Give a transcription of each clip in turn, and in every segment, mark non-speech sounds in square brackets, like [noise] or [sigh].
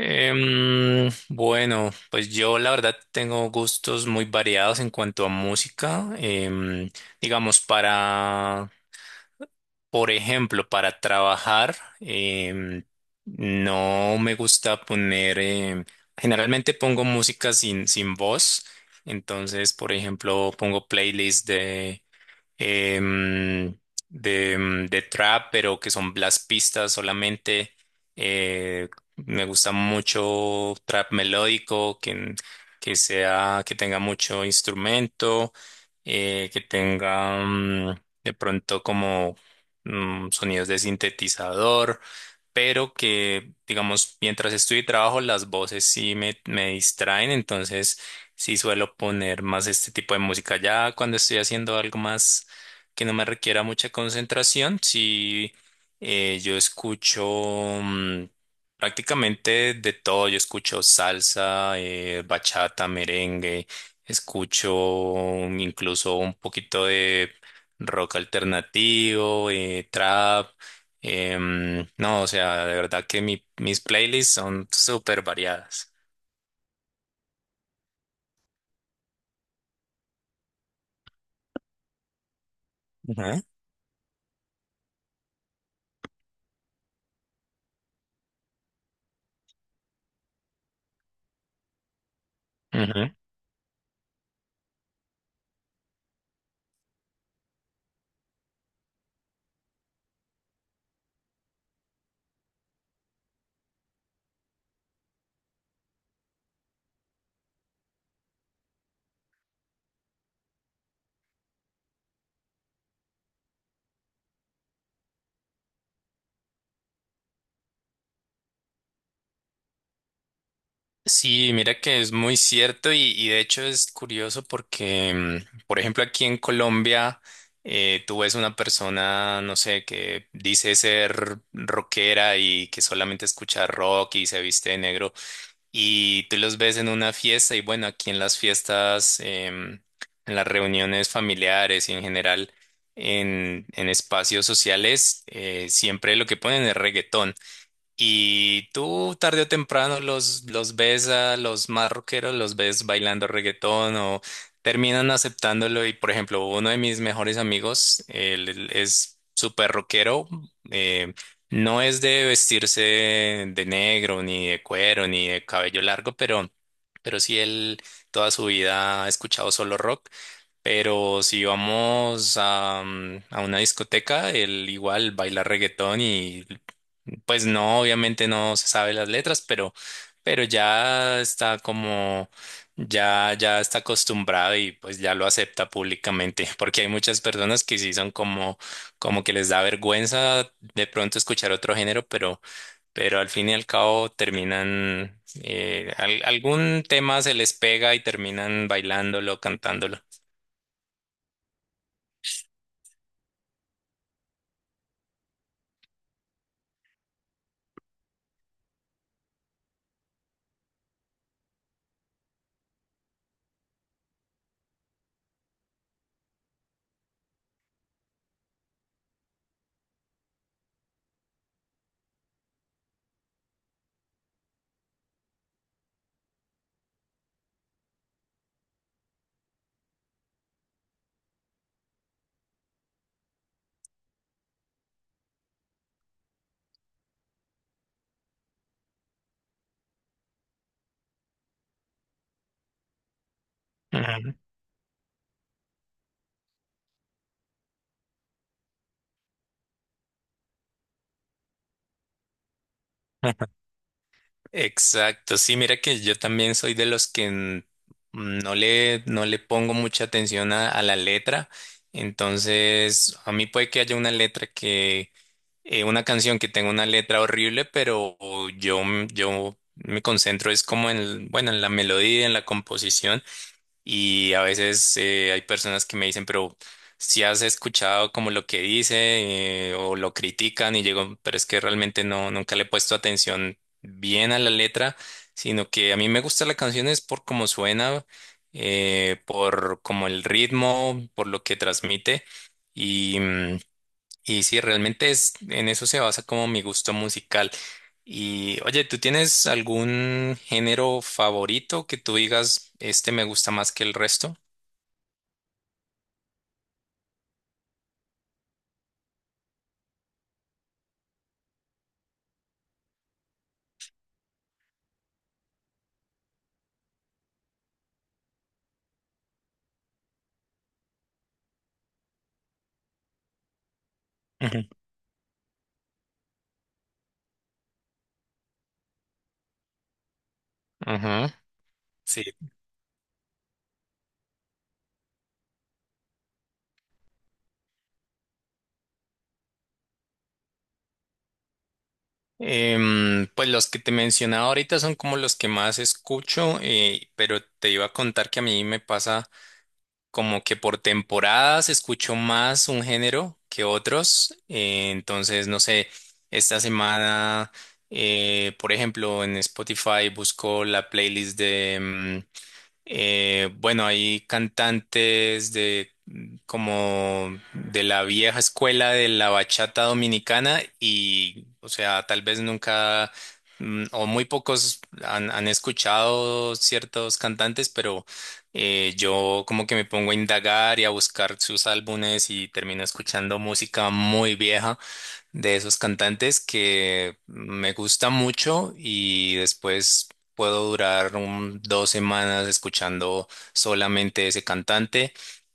Pues yo la verdad tengo gustos muy variados en cuanto a música. Digamos, por ejemplo, para trabajar, no me gusta poner, generalmente pongo música sin voz. Entonces, por ejemplo, pongo playlists em, de trap, pero que son las pistas solamente. Eh, Me gusta mucho trap melódico, que sea, que tenga mucho instrumento, que tenga de pronto como sonidos de sintetizador, pero que, digamos, mientras estoy y trabajo, las voces sí me distraen, entonces sí suelo poner más este tipo de música. Ya cuando estoy haciendo algo más que no me requiera mucha concentración. Si yo escucho mm, prácticamente de todo, yo escucho salsa, bachata, merengue, escucho incluso un poquito de rock alternativo, trap. Em, no, O sea, de verdad que mis playlists son súper variadas. Ujú. Ujú. Sí, mira que es muy cierto y de hecho es curioso porque, por ejemplo, aquí en Colombia, tú ves una persona, no sé, que dice ser rockera y que solamente escucha rock y se viste de negro y tú los ves en una fiesta y bueno, aquí en las fiestas, en las reuniones familiares y en general en espacios sociales, siempre lo que ponen es reggaetón. Y tú tarde o temprano los ves a los más rockeros, los ves bailando reggaetón o terminan aceptándolo. Y por ejemplo, uno de mis mejores amigos, él es súper rockero, eh, no es de vestirse de negro, ni de cuero, ni de cabello largo, pero sí él toda su vida ha escuchado solo rock. Pero si vamos a, a una discoteca, él igual baila reggaetón y pues no, obviamente no se sabe las letras, pero ya está como, ya está acostumbrado y pues ya lo acepta públicamente, [laughs] porque hay muchas personas que sí son como, como que les da vergüenza de pronto escuchar otro género, pero al fin y al cabo terminan, algún tema se les pega y terminan bailándolo, cantándolo. Ujú. Exacto, sí, mira que yo también soy de los que no le, no le pongo mucha atención a la letra, entonces a mí puede que haya una letra una canción que tenga una letra horrible, pero yo me concentro es como en, bueno, en la melodía, en la composición. Y a veces hay personas que me dicen, pero si has escuchado como lo que dice o lo critican y llego, pero es que realmente no, nunca le he puesto atención bien a la letra, sino que a mí me gusta la canción es por cómo suena, por como el ritmo, por lo que transmite. y mm, y sí, realmente es, en eso se basa como mi gusto musical. Y oye, ¿tú tienes algún género favorito que tú digas, este me gusta más que el resto? Ujú. Ajá, sí. Pues los que te mencionaba ahorita son como los que más escucho, pero te iba a contar que a mí me pasa como que por temporadas escucho más un género que otros. Entonces, no sé, esta semana, por ejemplo, en Spotify busco la playlist de. Bueno, hay cantantes de como de la vieja escuela de la bachata dominicana y, o sea, tal vez nunca o muy pocos han escuchado ciertos cantantes, pero yo como que me pongo a indagar y a buscar sus álbumes y termino escuchando música muy vieja de esos cantantes que me gusta mucho y después puedo durar dos semanas escuchando solamente ese cantante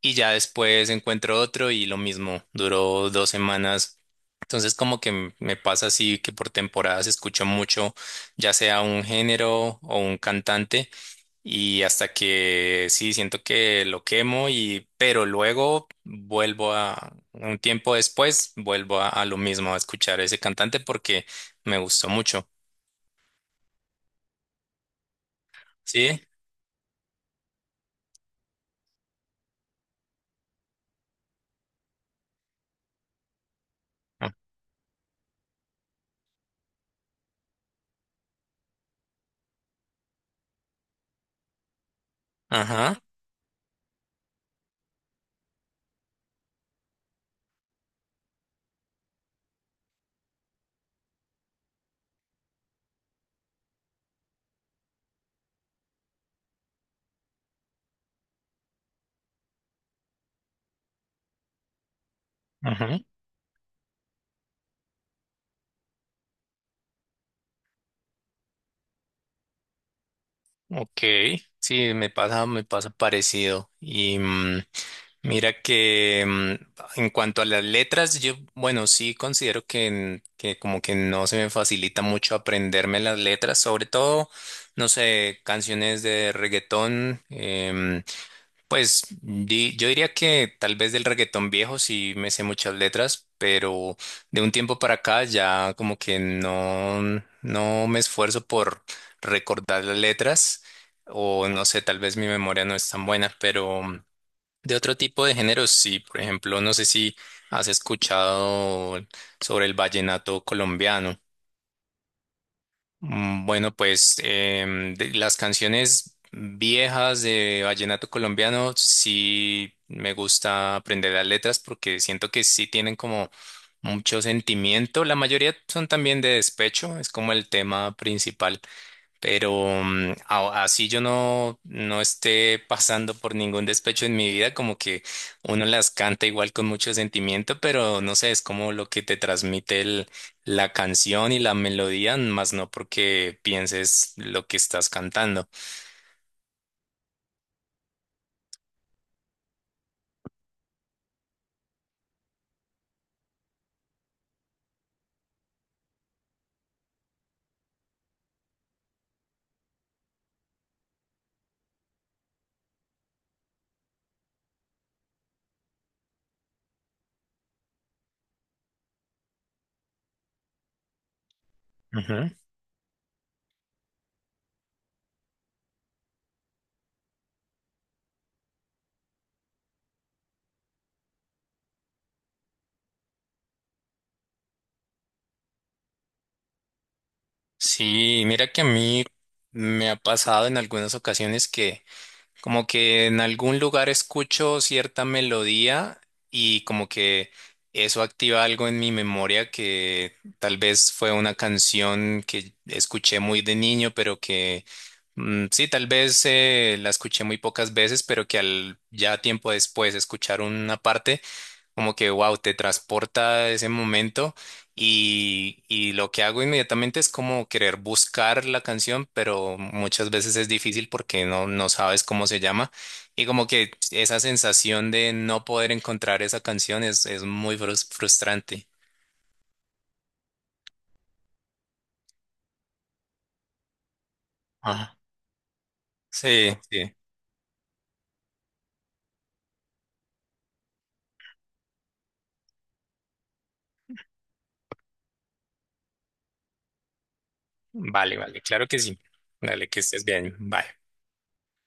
y ya después encuentro otro y lo mismo, duró dos semanas. Entonces como que me pasa así que por temporadas escucho mucho, ya sea un género o un cantante. Y hasta que sí, siento que lo quemo pero luego vuelvo a, un tiempo después, vuelvo a lo mismo, a escuchar a ese cantante porque me gustó mucho. Sí. Ah. Ajá, ajá. Ok. Sí, me pasa parecido. Mira que en cuanto a las letras, yo, bueno, sí considero que como que no se me facilita mucho aprenderme las letras, sobre todo, no sé, canciones de reggaetón, pues yo diría que tal vez del reggaetón viejo sí me sé muchas letras, pero de un tiempo para acá ya como que no, no me esfuerzo por recordar las letras, o no sé, tal vez mi memoria no es tan buena, pero... De otro tipo de géneros, sí, por ejemplo, no sé si has escuchado sobre el vallenato colombiano. Bueno, pues de las canciones viejas de vallenato colombiano sí me gusta aprender las letras porque siento que sí tienen como mucho sentimiento. La mayoría son también de despecho, es como el tema principal. Pero así yo no esté pasando por ningún despecho en mi vida, como que uno las canta igual con mucho sentimiento, pero no sé, es como lo que te transmite la canción y la melodía, más no porque pienses lo que estás cantando. Ujú. Sí, mira que a mí me ha pasado en algunas ocasiones que como que en algún lugar escucho cierta melodía y como que eso activa algo en mi memoria que tal vez fue una canción que escuché muy de niño, pero que sí, tal vez la escuché muy pocas veces, pero que al ya tiempo después escuchar una parte como que, wow, te transporta a ese momento y lo que hago inmediatamente es como querer buscar la canción, pero muchas veces es difícil porque no, no sabes cómo se llama y como que esa sensación de no poder encontrar esa canción es muy frustrante. Ajá. Sí, sí. Vale, vale, claro que sí. Dale, que estés bien. Bye.